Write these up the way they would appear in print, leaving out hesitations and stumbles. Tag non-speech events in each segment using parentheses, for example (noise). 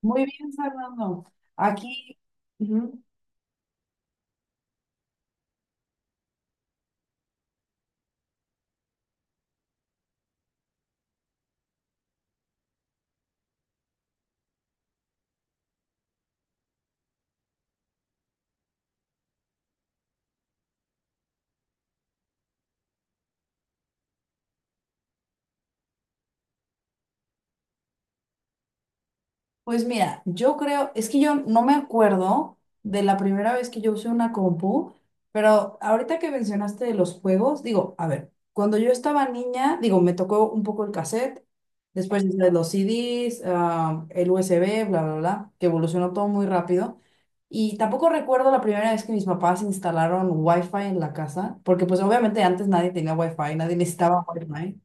Muy bien, Fernando. Aquí, ujú, pues mira, yo creo, es que yo no me acuerdo de la primera vez que yo usé una compu, pero ahorita que mencionaste de los juegos, digo, a ver, cuando yo estaba niña, digo, me tocó un poco el cassette, después ya sabes, los CDs, ah, el USB, bla, bla, bla, que evolucionó todo muy rápido. Y tampoco recuerdo la primera vez que mis papás instalaron Wi-Fi en la casa, porque pues obviamente antes nadie tenía Wi-Fi, nadie necesitaba Wi-Fi.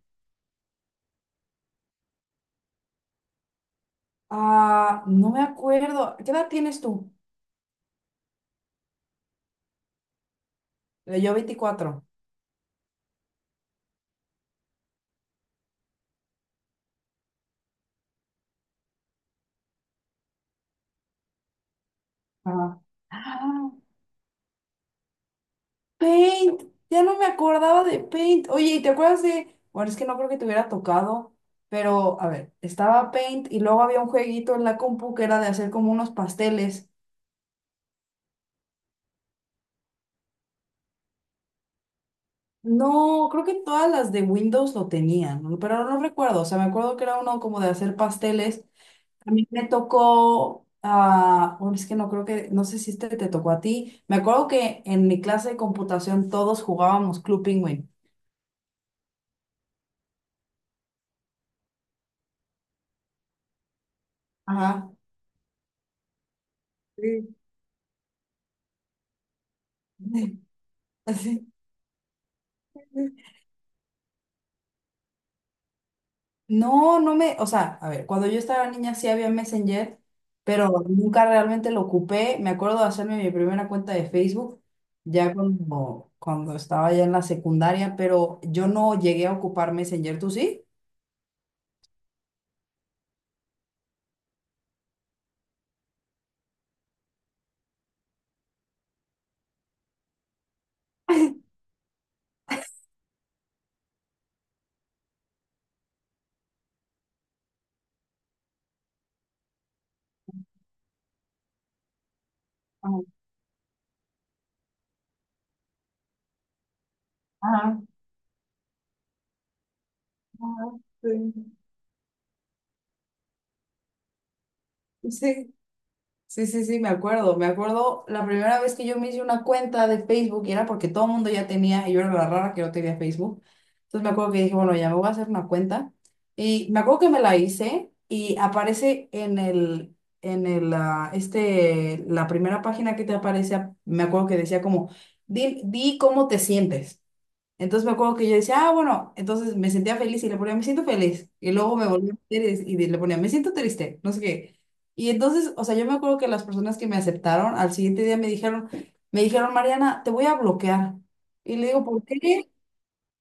Ah, no me acuerdo. ¿Qué edad tienes tú? Yo 24. Ajá. Ah, Paint, ya no me acordaba de Paint. Oye, ¿y te acuerdas de...? Bueno, es que no creo que te hubiera tocado, pero a ver, estaba Paint y luego había un jueguito en la compu que era de hacer como unos pasteles. No, creo que todas las de Windows lo tenían, ¿no? Pero no recuerdo, o sea, me acuerdo que era uno como de hacer pasteles. A mí me tocó, ah, bueno, es que no creo que, no sé si este te tocó a ti. Me acuerdo que en mi clase de computación todos jugábamos Club Penguin. Ajá. Sí. (laughs) Así. No, no me, o sea, a ver, cuando yo estaba niña sí había Messenger, pero nunca realmente lo ocupé. Me acuerdo de hacerme mi primera cuenta de Facebook ya cuando, cuando estaba ya en la secundaria, pero yo no llegué a ocupar Messenger, ¿tú sí? Ajá, ajá, sí. Sí, sí, sí, sí, me acuerdo. Me acuerdo la primera vez que yo me hice una cuenta de Facebook y era porque todo el mundo ya tenía, y yo era la rara que no tenía Facebook. Entonces me acuerdo que dije, bueno, ya me voy a hacer una cuenta. Y me acuerdo que me la hice y aparece en el, en el, la primera página que te aparece, me acuerdo que decía como, di cómo te sientes. Entonces me acuerdo que yo decía, ah, bueno, entonces me sentía feliz y le ponía, me siento feliz. Y luego me volví a meter y le ponía, me siento triste, no sé qué. Y entonces, o sea, yo me acuerdo que las personas que me aceptaron al siguiente día me dijeron, Mariana, te voy a bloquear. Y le digo, ¿por qué? (laughs)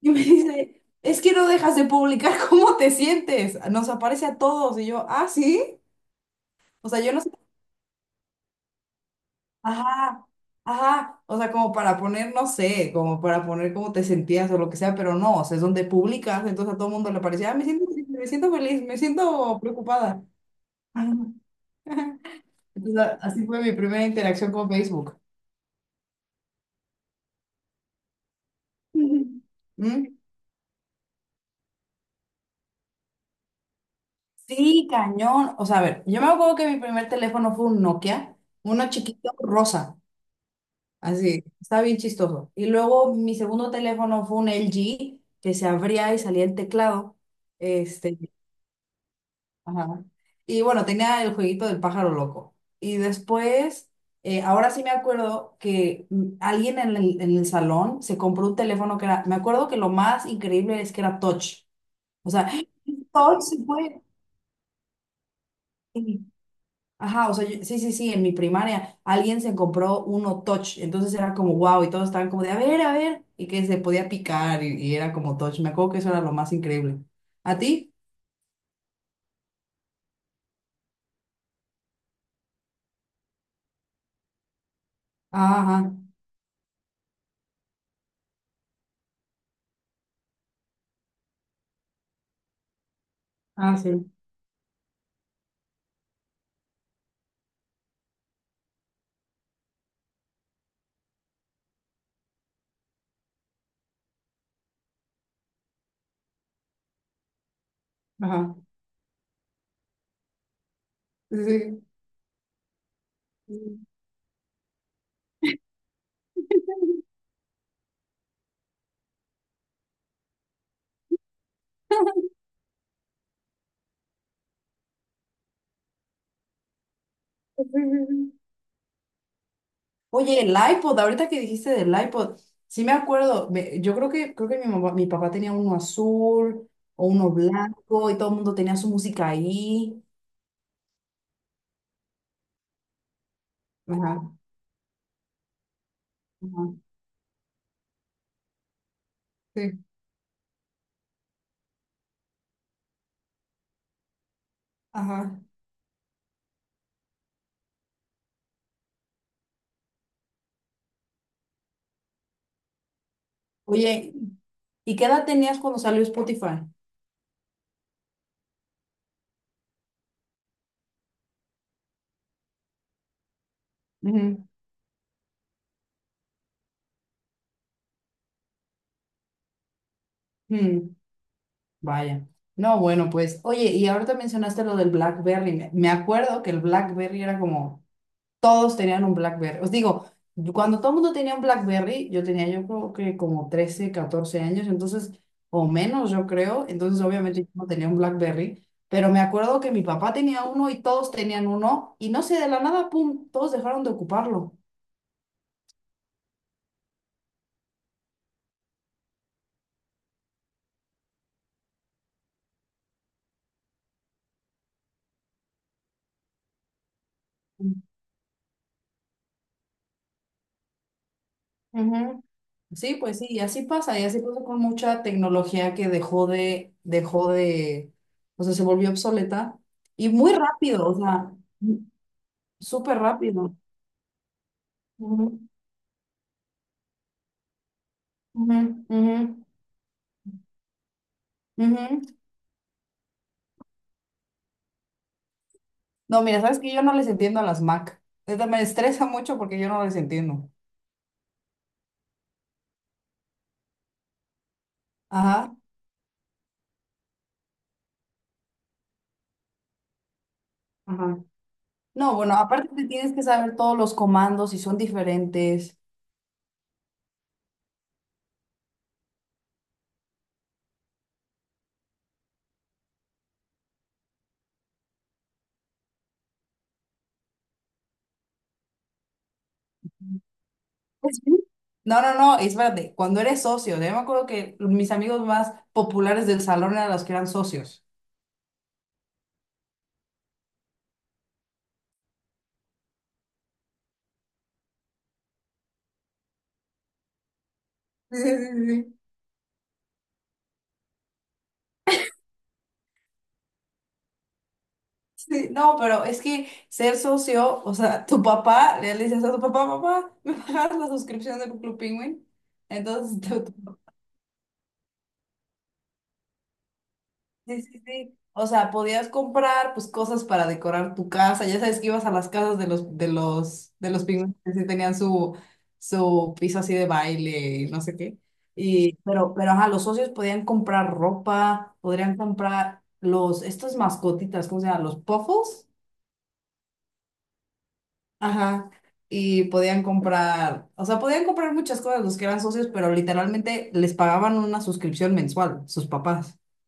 Y me dice, es que no dejas de publicar (laughs) cómo te sientes. Nos aparece a todos. Y yo, ah, sí. O sea, yo no. Ajá, ajá, o sea, como para poner, no sé, como para poner cómo te sentías o lo que sea, pero no, o sea, es donde publicas, entonces a todo el mundo le parecía, ah, me siento triste, me siento feliz, me siento preocupada. Ajá. (laughs) Entonces, así fue mi primera interacción con Facebook. Ujú. ¿Mm? Sí, cañón. O sea, a ver, yo me acuerdo que mi primer teléfono fue un Nokia, uno chiquito rosa, así, estaba bien chistoso. Y luego mi segundo teléfono fue un LG que se abría y salía el teclado. Este, ajá. Y bueno, tenía el jueguito del pájaro loco. Y después, ahora sí me acuerdo que alguien en el salón se compró un teléfono que era, me acuerdo que lo más increíble es que era touch. O sea, (laughs) (gasps) touch se puede. Sí. Ajá, o sea, sí, sí, sí, en mi primaria alguien se compró uno touch. Entonces era como wow y todos estaban como de, a ver, y que se podía picar y era como touch. Me acuerdo que eso era lo más increíble. ¿A ti? Ah, sí. Ajá, ah, sí. Ajá. Sí. (laughs) Oye, el iPod, ahorita que dijiste del iPod, sí me acuerdo, yo creo que mi papá tenía uno azul o uno blanco y todo el mundo tenía su música ahí. Ajá, ajá, sí, ajá. Oye, ¿y qué edad tenías cuando salió Spotify? Ujú, mm, vaya. No, bueno, pues, oye, y ahorita mencionaste lo del BlackBerry. Me acuerdo que el BlackBerry era como, todos tenían un BlackBerry. Os digo, cuando todo el mundo tenía un BlackBerry, yo tenía yo creo que como 13, 14 años, entonces, o menos yo creo, entonces obviamente yo no tenía un BlackBerry, pero me acuerdo que mi papá tenía uno y todos tenían uno, y no sé, de la nada, pum, todos dejaron de ocuparlo. Ujú. Sí, pues sí, y así pasa con mucha tecnología que o sea, se volvió obsoleta y muy rápido, o sea, súper rápido. Ujú. Ujú, ujú, ujú. No, mira, sabes que yo no les entiendo a las Mac. Neta, me estresa mucho porque yo no les entiendo. Ajá, ajá. No, bueno, aparte te tienes que saber todos los comandos y son diferentes. Pues sí. No, no, no, es espérate, cuando eres socio, yo me acuerdo que mis amigos más populares del salón eran los que eran socios. Sí, sí, sí. Sí, no, pero es que ser socio, o sea, tu papá, le dices a tu papá, papá, ¿me pagas la suscripción de Club Penguin? Entonces, (laughs) tu, sí, sí, sí. O sea, podías comprar pues cosas para decorar tu casa. Ya sabes que ibas a las casas de los pigmeos que sí tenían su su piso así de baile y no sé qué. Y pero ajá, los socios podían comprar ropa, podrían comprar los estas mascotitas, ¿cómo se llaman? Los puffles. Ajá. Y podían comprar, o sea, podían comprar muchas cosas los que eran socios, pero literalmente les pagaban una suscripción mensual, sus papás. (laughs)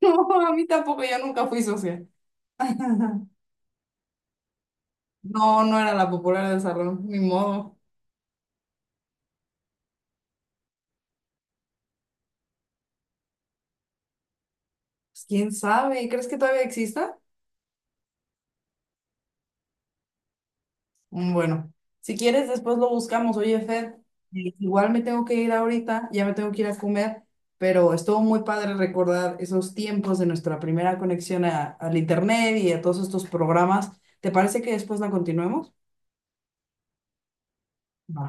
No, a mí tampoco, yo nunca fui socia. (laughs) No, no era la popular del salón, ni modo. Pues quién sabe, ¿crees que todavía exista? Mm, bueno, si quieres, después lo buscamos. Oye, Fer, igual me tengo que ir ahorita, ya me tengo que ir a comer, pero estuvo muy padre recordar esos tiempos de nuestra primera conexión al internet y a todos estos programas. ¿Te parece que después la continuemos? Va.